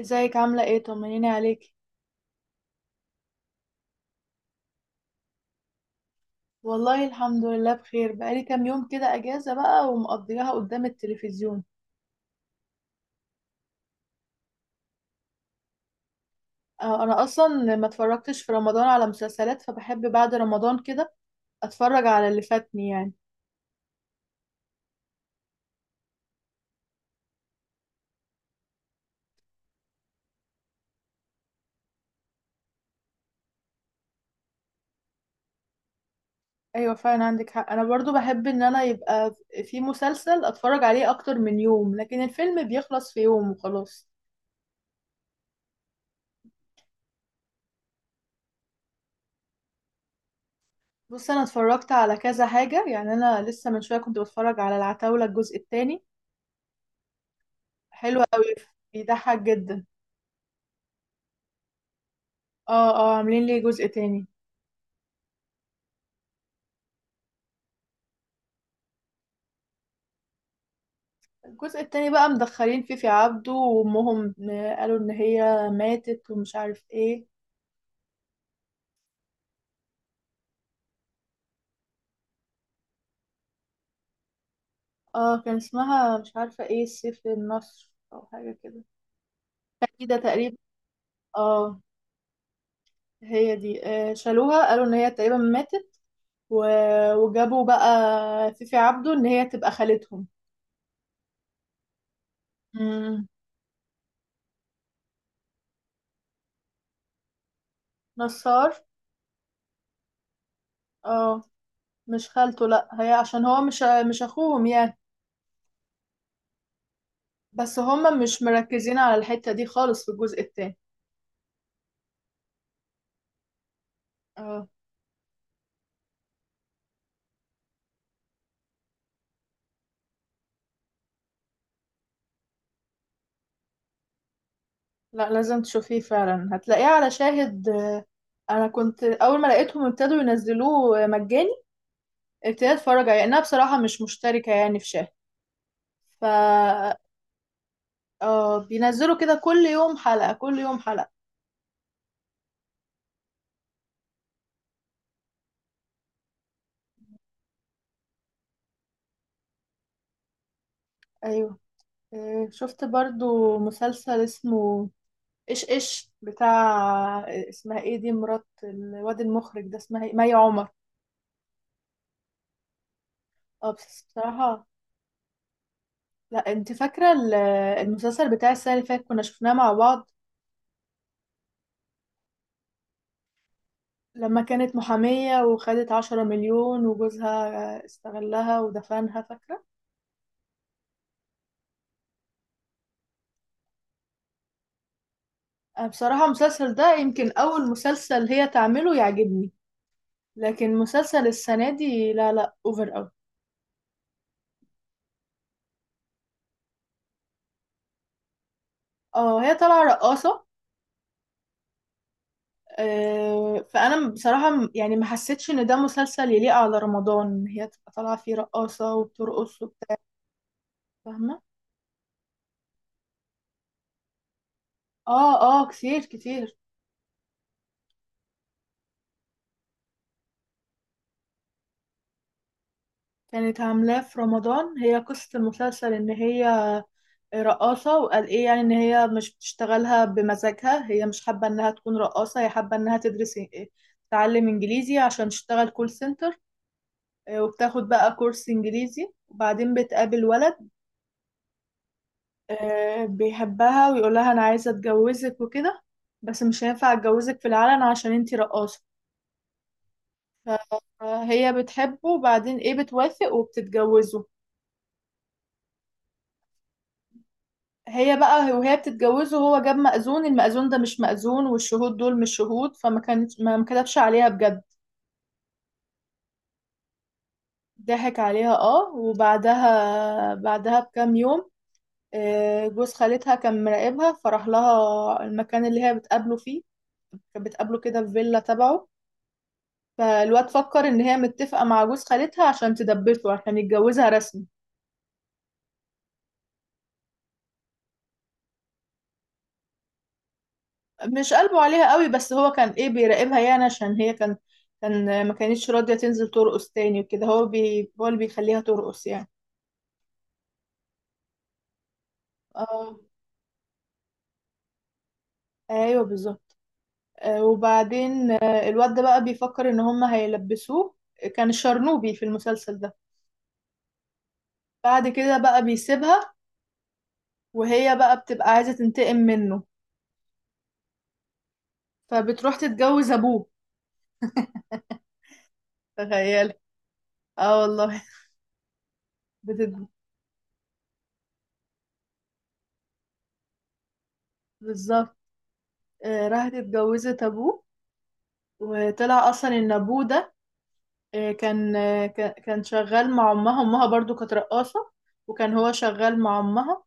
ازيك عاملة ايه؟ طمنيني عليكي. والله الحمد لله بخير، بقالي كام يوم كده اجازة بقى ومقضيها قدام التلفزيون. آه، انا اصلا ما اتفرجتش في رمضان على مسلسلات، فبحب بعد رمضان كده اتفرج على اللي فاتني يعني. ايوه فعلا عندك حق، انا برضو بحب ان انا يبقى في مسلسل اتفرج عليه اكتر من يوم، لكن الفيلم بيخلص في يوم وخلاص. بص، انا اتفرجت على كذا حاجة يعني، انا لسه من شوية كنت بتفرج على العتاولة الجزء التاني. حلو قوي، بيضحك جدا. اه اه، عاملين ليه جزء تاني؟ الجزء التاني بقى مدخلين فيه في عبده وامهم، قالوا ان هي ماتت ومش عارف ايه. اه، كان اسمها مش عارفة ايه سيف النصر او حاجة كده. كده تقريبا. اه. هي دي، شالوها قالوا ان هي تقريبا ماتت و... وجابوا بقى فيفي عبده ان هي تبقى خالتهم. امم. نصار. اه، مش خالته لا، هي عشان هو مش اخوهم يعني. بس هما مش مركزين على الحتة دي خالص في الجزء التاني. اه لا لازم تشوفيه فعلا، هتلاقيه على شاهد. انا كنت اول ما لقيتهم ابتدوا ينزلوه مجاني ابتديت اتفرج عليه، لانها بصراحه مش مشتركه يعني في شاهد. ف بينزلوا كده كل يوم حلقه كل يوم حلقه. ايوه. شفت برضو مسلسل اسمه ايش ايش بتاع، اسمها ايه دي مرات الواد المخرج ده اسمها ايه، مي عمر. اه بس بصراحه. لا انت فاكره المسلسل بتاع السنه اللي فاتت كنا شفناه مع بعض، لما كانت محامية وخدت 10 مليون وجوزها استغلها ودفنها، فاكرة؟ أنا بصراحة المسلسل ده يمكن أول مسلسل هي تعمله يعجبني، لكن مسلسل السنة دي لا لا أوفر أوي. اه، هي طالعة رقاصة. فأنا بصراحة يعني ما حسيتش إن ده مسلسل يليق على رمضان، إن هي تبقى طالعة فيه رقاصة وبترقص وبتاع. فاهمة؟ اه اه، كتير كتير. كانت عاملاه في رمضان، هي قصة المسلسل إن هي رقاصة، وقال ايه يعني ان هي مش بتشتغلها بمزاجها، هي مش حابة انها تكون رقاصة، هي حابة انها تدرس، تتعلم انجليزي عشان تشتغل كول سنتر. وبتاخد بقى كورس انجليزي، وبعدين بتقابل ولد. بيحبها ويقولها انا عايزة اتجوزك وكده، بس مش هينفع اتجوزك في العلن عشان انتي رقاصة. فهي بتحبه وبعدين ايه بتوافق وبتتجوزه. هي بقى وهي بتتجوزه هو جاب مأذون، المأذون ده مش مأذون والشهود دول مش شهود، فما كانت ما كتبش عليها بجد. ضحك عليها اه، وبعدها بكام يوم، جوز خالتها كان مراقبها فراح لها المكان اللي هي بتقابله فيه، كانت بتقابله كده في فيلا تبعه. فالواد فكر ان هي متفقة مع جوز خالتها عشان تدبسه عشان يتجوزها رسمي. مش قلبه عليها قوي، بس هو كان ايه بيراقبها يعني، عشان هي كان ما كانتش راضية تنزل ترقص تاني وكده، هو اللي بيخليها ترقص يعني. اه ايوه بالظبط. وبعدين الواد ده بقى بيفكر ان هما هيلبسوه. كان الشرنوبي في المسلسل ده. بعد كده بقى بيسيبها، وهي بقى بتبقى عايزة تنتقم منه، فبتروح تتجوز ابوه. تخيل. اه والله. بتت... بالظبط. راحت اتجوزت ابوه، وطلع اصلا ان ابوه ده كان شغال مع امها، امها برضو كانت رقاصة، وكان هو شغال مع امها،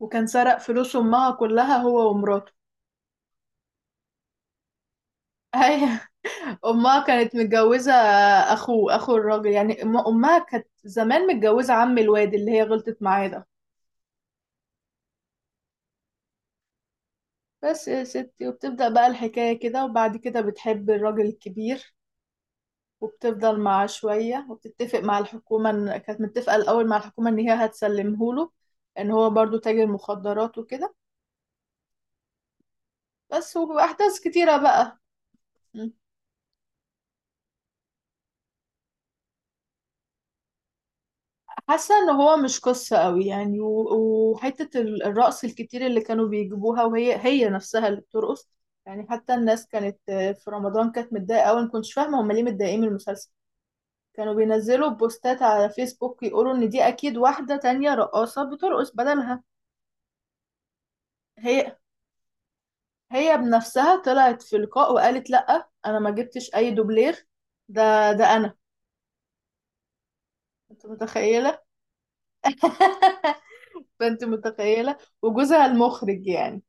وكان سرق فلوس امها كلها هو ومراته. ايوه. امها كانت متجوزة اخو الراجل يعني، امها كانت زمان متجوزة عم الواد اللي هي غلطت معاه ده. بس يا ستي، وبتبدأ بقى الحكاية كده، وبعد كده بتحب الراجل الكبير، وبتفضل معاه شوية، وبتتفق مع الحكومة كانت متفقة الأول مع الحكومة إن هي هتسلمهوله، إن هو برضو تاجر مخدرات وكده، بس واحداث كتيره بقى. مم. حاسه ان هو مش قصه قوي يعني، وحته الرقص الكتير اللي كانوا بيجيبوها وهي هي نفسها اللي بترقص يعني، حتى الناس كانت في رمضان كانت متضايقه قوي، ما كنتش فاهمه هم ليه متضايقين من المسلسل. كانوا بينزلوا بوستات على فيسبوك يقولوا ان دي اكيد واحده تانية رقاصه بترقص بدلها. هي هي بنفسها طلعت في لقاء وقالت لا انا ما جبتش اي دوبلير، ده انا. انت متخيله؟ فانت متخيله وجوزها المخرج يعني.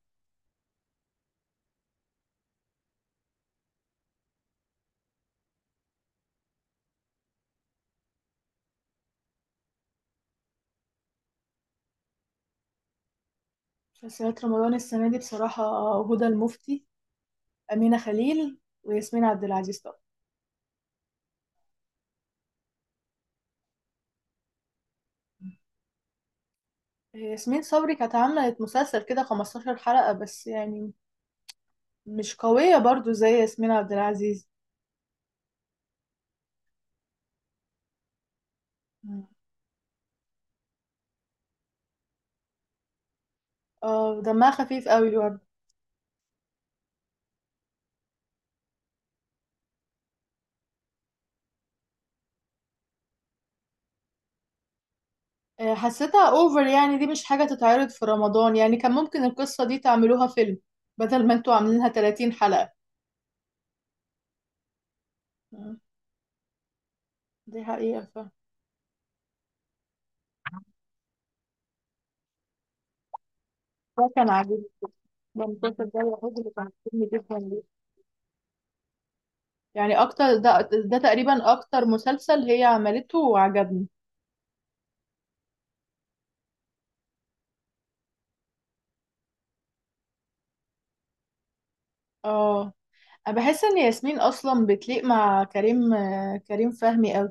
مسلسلات رمضان السنه دي بصراحه هدى المفتي، امينه خليل، وياسمين عبد العزيز طبعا. ياسمين صبري كانت عملت مسلسل كده 15 حلقه بس يعني، مش قويه برضو زي ياسمين عبد العزيز. مم. اه، دمها خفيف قوي برضه. حسيتها اوفر يعني، دي مش حاجة تتعرض في رمضان يعني، كان ممكن القصة دي تعملوها فيلم بدل ما انتوا عاملينها 30 حلقة. مم. دي حقيقة. ده كان عاجبني، ده المسلسل ده الوحيد اللي كان عاجبني جدا يعني اكتر، ده تقريبا اكتر مسلسل هي عملته وعجبني. اه، انا بحس ان ياسمين اصلا بتليق مع كريم فهمي قوي.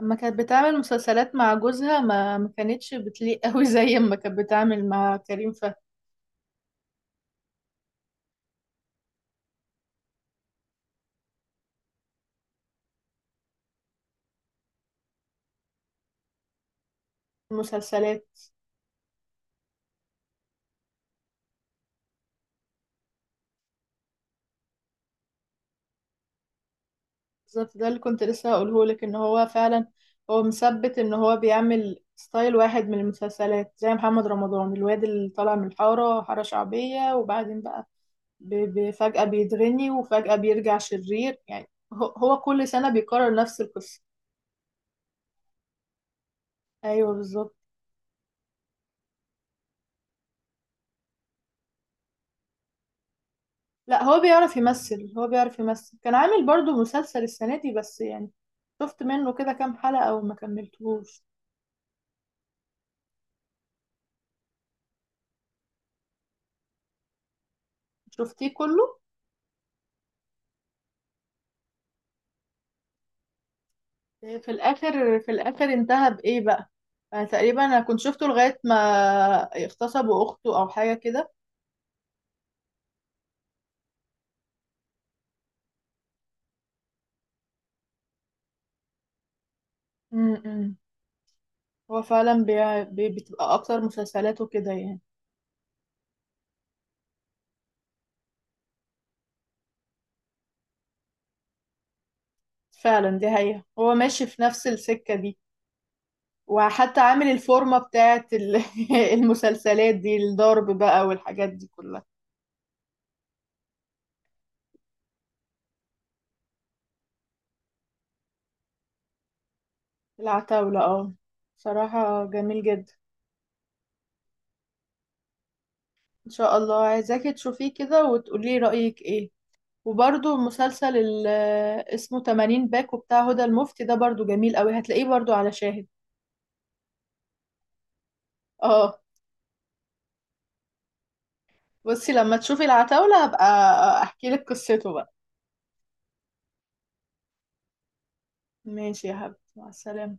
اما كانت بتعمل مسلسلات مع جوزها ما كانتش بتليق قوي زي ما كانت بتعمل مع كريم فهمي. المسلسلات. بالظبط، ده اللي كنت لسه هقوله لك، ان هو فعلا هو مثبت ان هو بيعمل ستايل واحد من المسلسلات، زي محمد رمضان الواد اللي طالع من الحارة حارة شعبية وبعدين بقى، فجأة بيتغني وفجأة بيرجع شرير يعني، هو كل سنة بيكرر نفس القصة. ايوه بالظبط. لا هو بيعرف يمثل، هو بيعرف يمثل، كان عامل برضو مسلسل السنة دي بس يعني، شفت منه كده كام حلقة وما كملتهوش. شفتيه كله؟ في الآخر انتهى بإيه بقى؟ أنا تقريبا كنت شفته لغاية ما اغتصبوا أخته أو حاجة كده. امم. هو فعلا بتبقى أكتر مسلسلاته كده يعني. فعلا دي حقيقة، هو ماشي في نفس السكة دي، وحتى عامل الفورمة بتاعت المسلسلات دي، الضرب بقى والحاجات دي كلها. العتاولة اه. صراحة جميل جدا. ان شاء الله عايزاكي تشوفيه كده وتقولي رأيك ايه. وبرضو مسلسل اسمه 80 باكو بتاع هدى المفتي ده برضو جميل قوي، هتلاقيه برضو على شاهد. اه. بصي لما تشوفي العتاولة هبقى احكي لك قصته بقى. ماشي يا حبيبتي، مع السلامة.